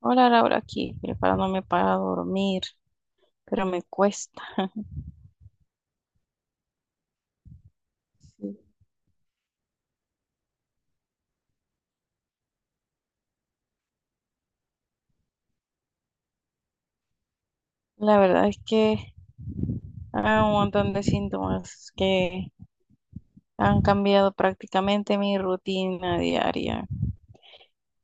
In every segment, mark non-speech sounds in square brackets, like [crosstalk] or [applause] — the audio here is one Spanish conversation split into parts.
Hola Laura, aquí preparándome para dormir, pero me cuesta. Sí. La verdad es que hay un montón de síntomas que han cambiado prácticamente mi rutina diaria.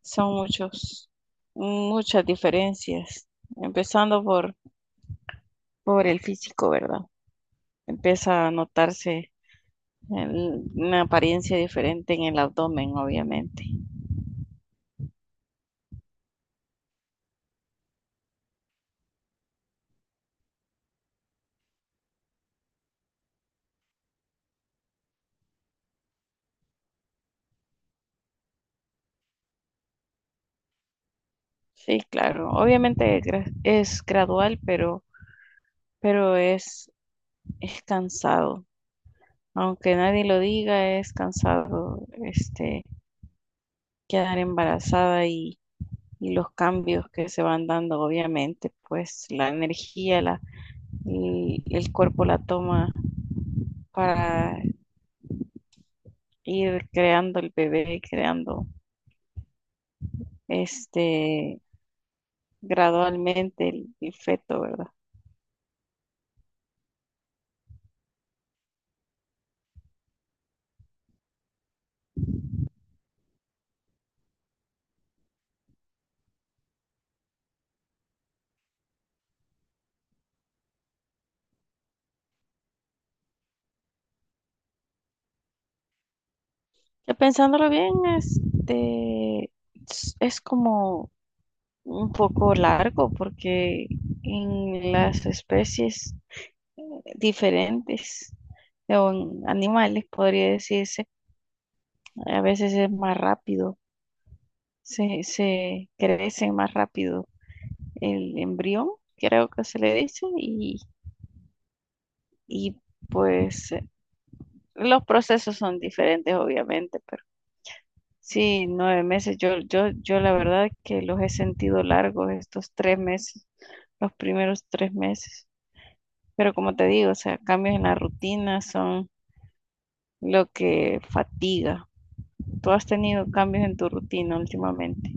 Son muchos, muchas diferencias, empezando por el físico, ¿verdad? Empieza a notarse una apariencia diferente en el abdomen, obviamente. Sí, claro. Obviamente es gradual, pero es cansado, aunque nadie lo diga, es cansado, quedar embarazada y los cambios que se van dando, obviamente, pues la energía, y el cuerpo la toma para ir creando el bebé, creando este, gradualmente el feto, ¿verdad? Ya pensándolo bien, es como un poco largo porque en las especies diferentes o en animales, podría decirse. A veces es más rápido, se crece más rápido el embrión, creo que se le dice, y pues eh, los procesos son diferentes, obviamente, pero sí, 9 meses, yo la verdad que los he sentido largos estos 3 meses, los primeros 3 meses. Pero como te digo, o sea, cambios en la rutina son lo que fatiga. Tú has tenido cambios en tu rutina últimamente.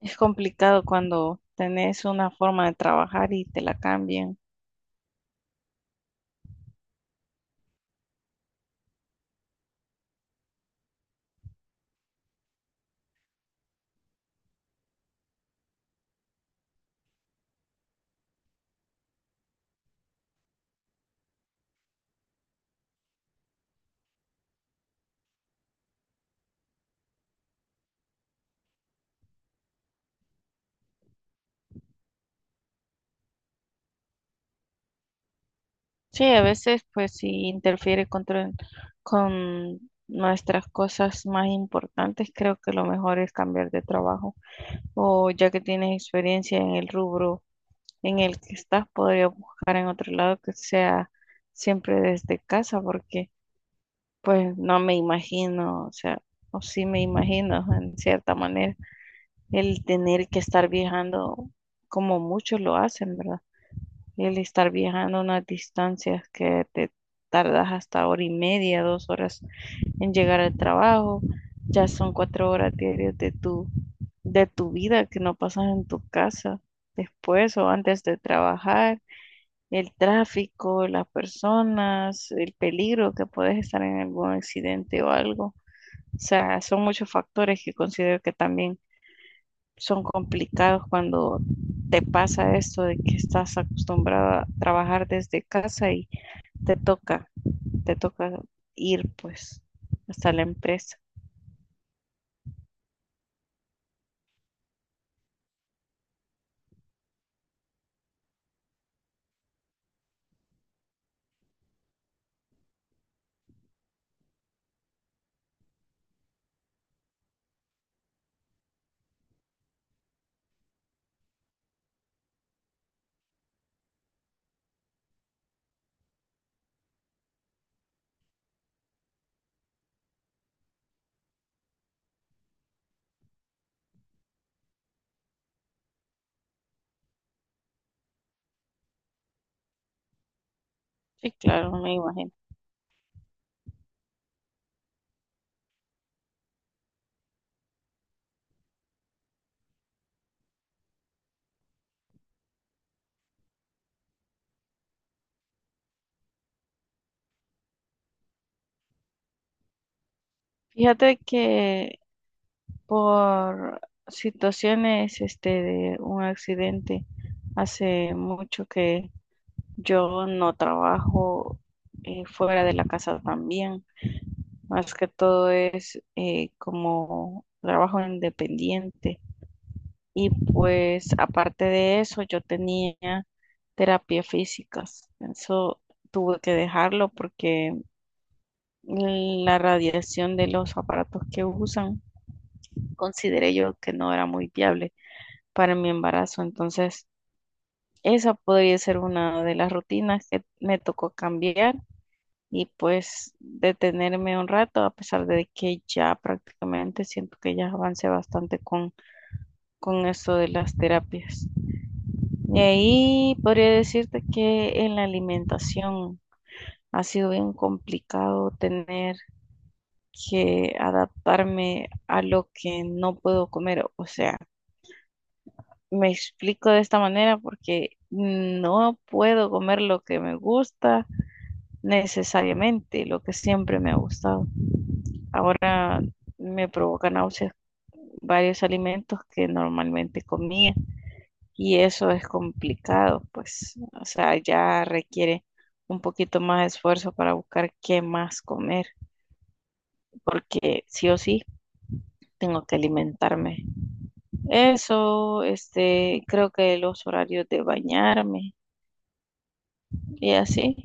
Es complicado cuando tenés una forma de trabajar y te la cambian. Sí, a veces pues sí interfiere con nuestras cosas más importantes. Creo que lo mejor es cambiar de trabajo o ya que tienes experiencia en el rubro en el que estás, podría buscar en otro lado que sea siempre desde casa porque pues no me imagino, o sea, o sí me imagino en cierta manera el tener que estar viajando como muchos lo hacen, ¿verdad? El estar viajando unas distancias que te tardas hasta hora y media, 2 horas en llegar al trabajo, ya son 4 horas diarias de de tu vida que no pasas en tu casa después o antes de trabajar, el tráfico, las personas, el peligro que puedes estar en algún accidente o algo. O sea, son muchos factores que considero que también son complicados cuando te pasa esto de que estás acostumbrada a trabajar desde casa y te toca, te toca ir pues hasta la empresa. Sí, claro, me imagino. Fíjate que por situaciones de un accidente hace mucho que yo no trabajo fuera de la casa también. Más que todo es como trabajo independiente. Y pues aparte de eso, yo tenía terapia físicas. Eso tuve que dejarlo porque la radiación de los aparatos que usan consideré yo que no era muy viable para mi embarazo. Entonces, esa podría ser una de las rutinas que me tocó cambiar y pues detenerme un rato, a pesar de que ya prácticamente siento que ya avancé bastante con eso de las terapias. Y ahí podría decirte que en la alimentación ha sido bien complicado tener que adaptarme a lo que no puedo comer. O sea, me explico de esta manera porque no puedo comer lo que me gusta necesariamente, lo que siempre me ha gustado. Ahora me provoca náuseas varios alimentos que normalmente comía. Y eso es complicado, pues, o sea, ya requiere un poquito más de esfuerzo para buscar qué más comer, porque sí o sí tengo que alimentarme. Eso, creo que los horarios de bañarme y así.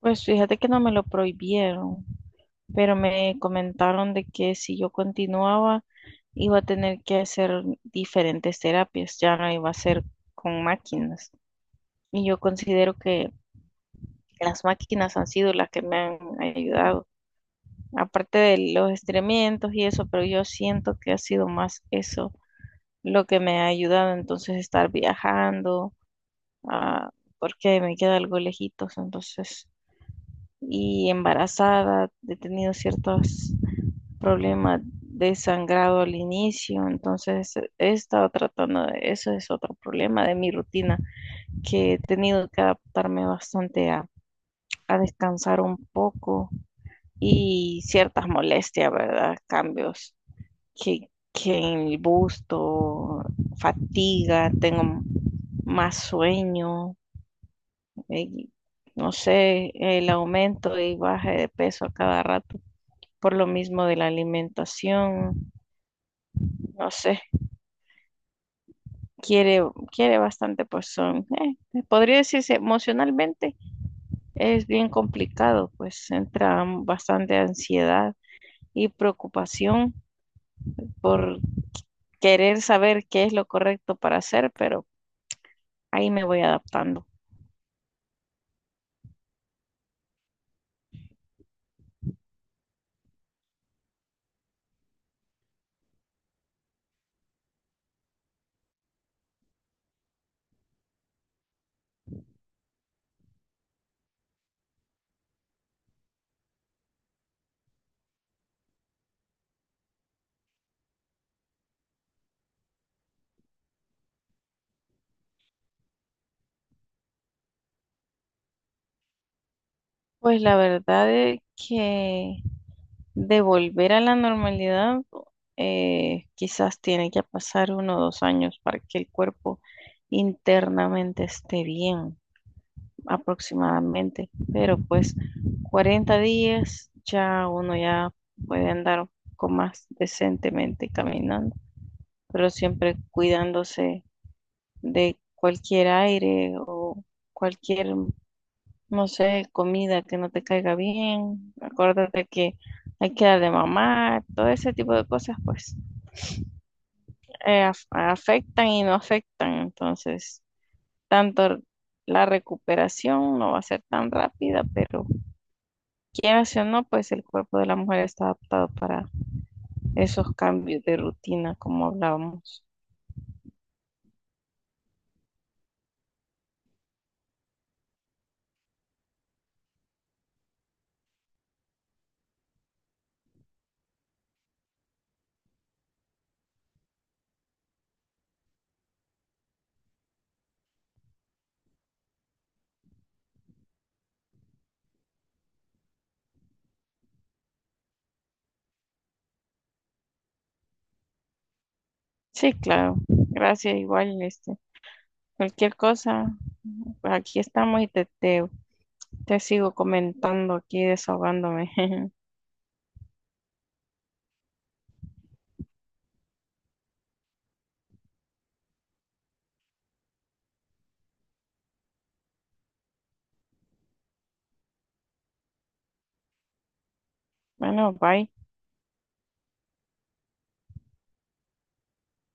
Pues fíjate que no me lo prohibieron, pero me comentaron de que si yo continuaba iba a tener que hacer diferentes terapias, ya no iba a ser con máquinas. Y yo considero que las máquinas han sido las que me han ayudado, aparte de los estremientos y eso, pero yo siento que ha sido más eso lo que me ha ayudado, entonces estar viajando, ah, porque me queda algo lejitos, entonces, y embarazada, he tenido ciertos problemas de sangrado al inicio, entonces he estado tratando de eso, es otro problema de mi rutina, que he tenido que adaptarme bastante a descansar un poco y ciertas molestias, ¿verdad? Cambios que en el busto, fatiga, tengo más sueño, eh, no sé, el aumento y baje de peso a cada rato por lo mismo de la alimentación, no sé, quiere, quiere bastante, pues son, podría decirse emocionalmente es bien complicado, pues entra bastante ansiedad y preocupación por querer saber qué es lo correcto para hacer, pero ahí me voy adaptando. Pues la verdad es que de volver a la normalidad, quizás tiene que pasar uno o dos años para que el cuerpo internamente esté bien, aproximadamente. Pero pues 40 días ya uno ya puede andar con más decentemente caminando, pero siempre cuidándose de cualquier aire o cualquier, no sé, comida que no te caiga bien. Acuérdate que hay que darle mamá, todo ese tipo de cosas, pues afectan y no afectan. Entonces, tanto la recuperación no va a ser tan rápida, pero quieras o no, pues el cuerpo de la mujer está adaptado para esos cambios de rutina, como hablábamos. Sí, claro. Gracias, igual, cualquier cosa, pues aquí estamos y Te sigo comentando aquí, desahogándome. [laughs] Bueno, bye.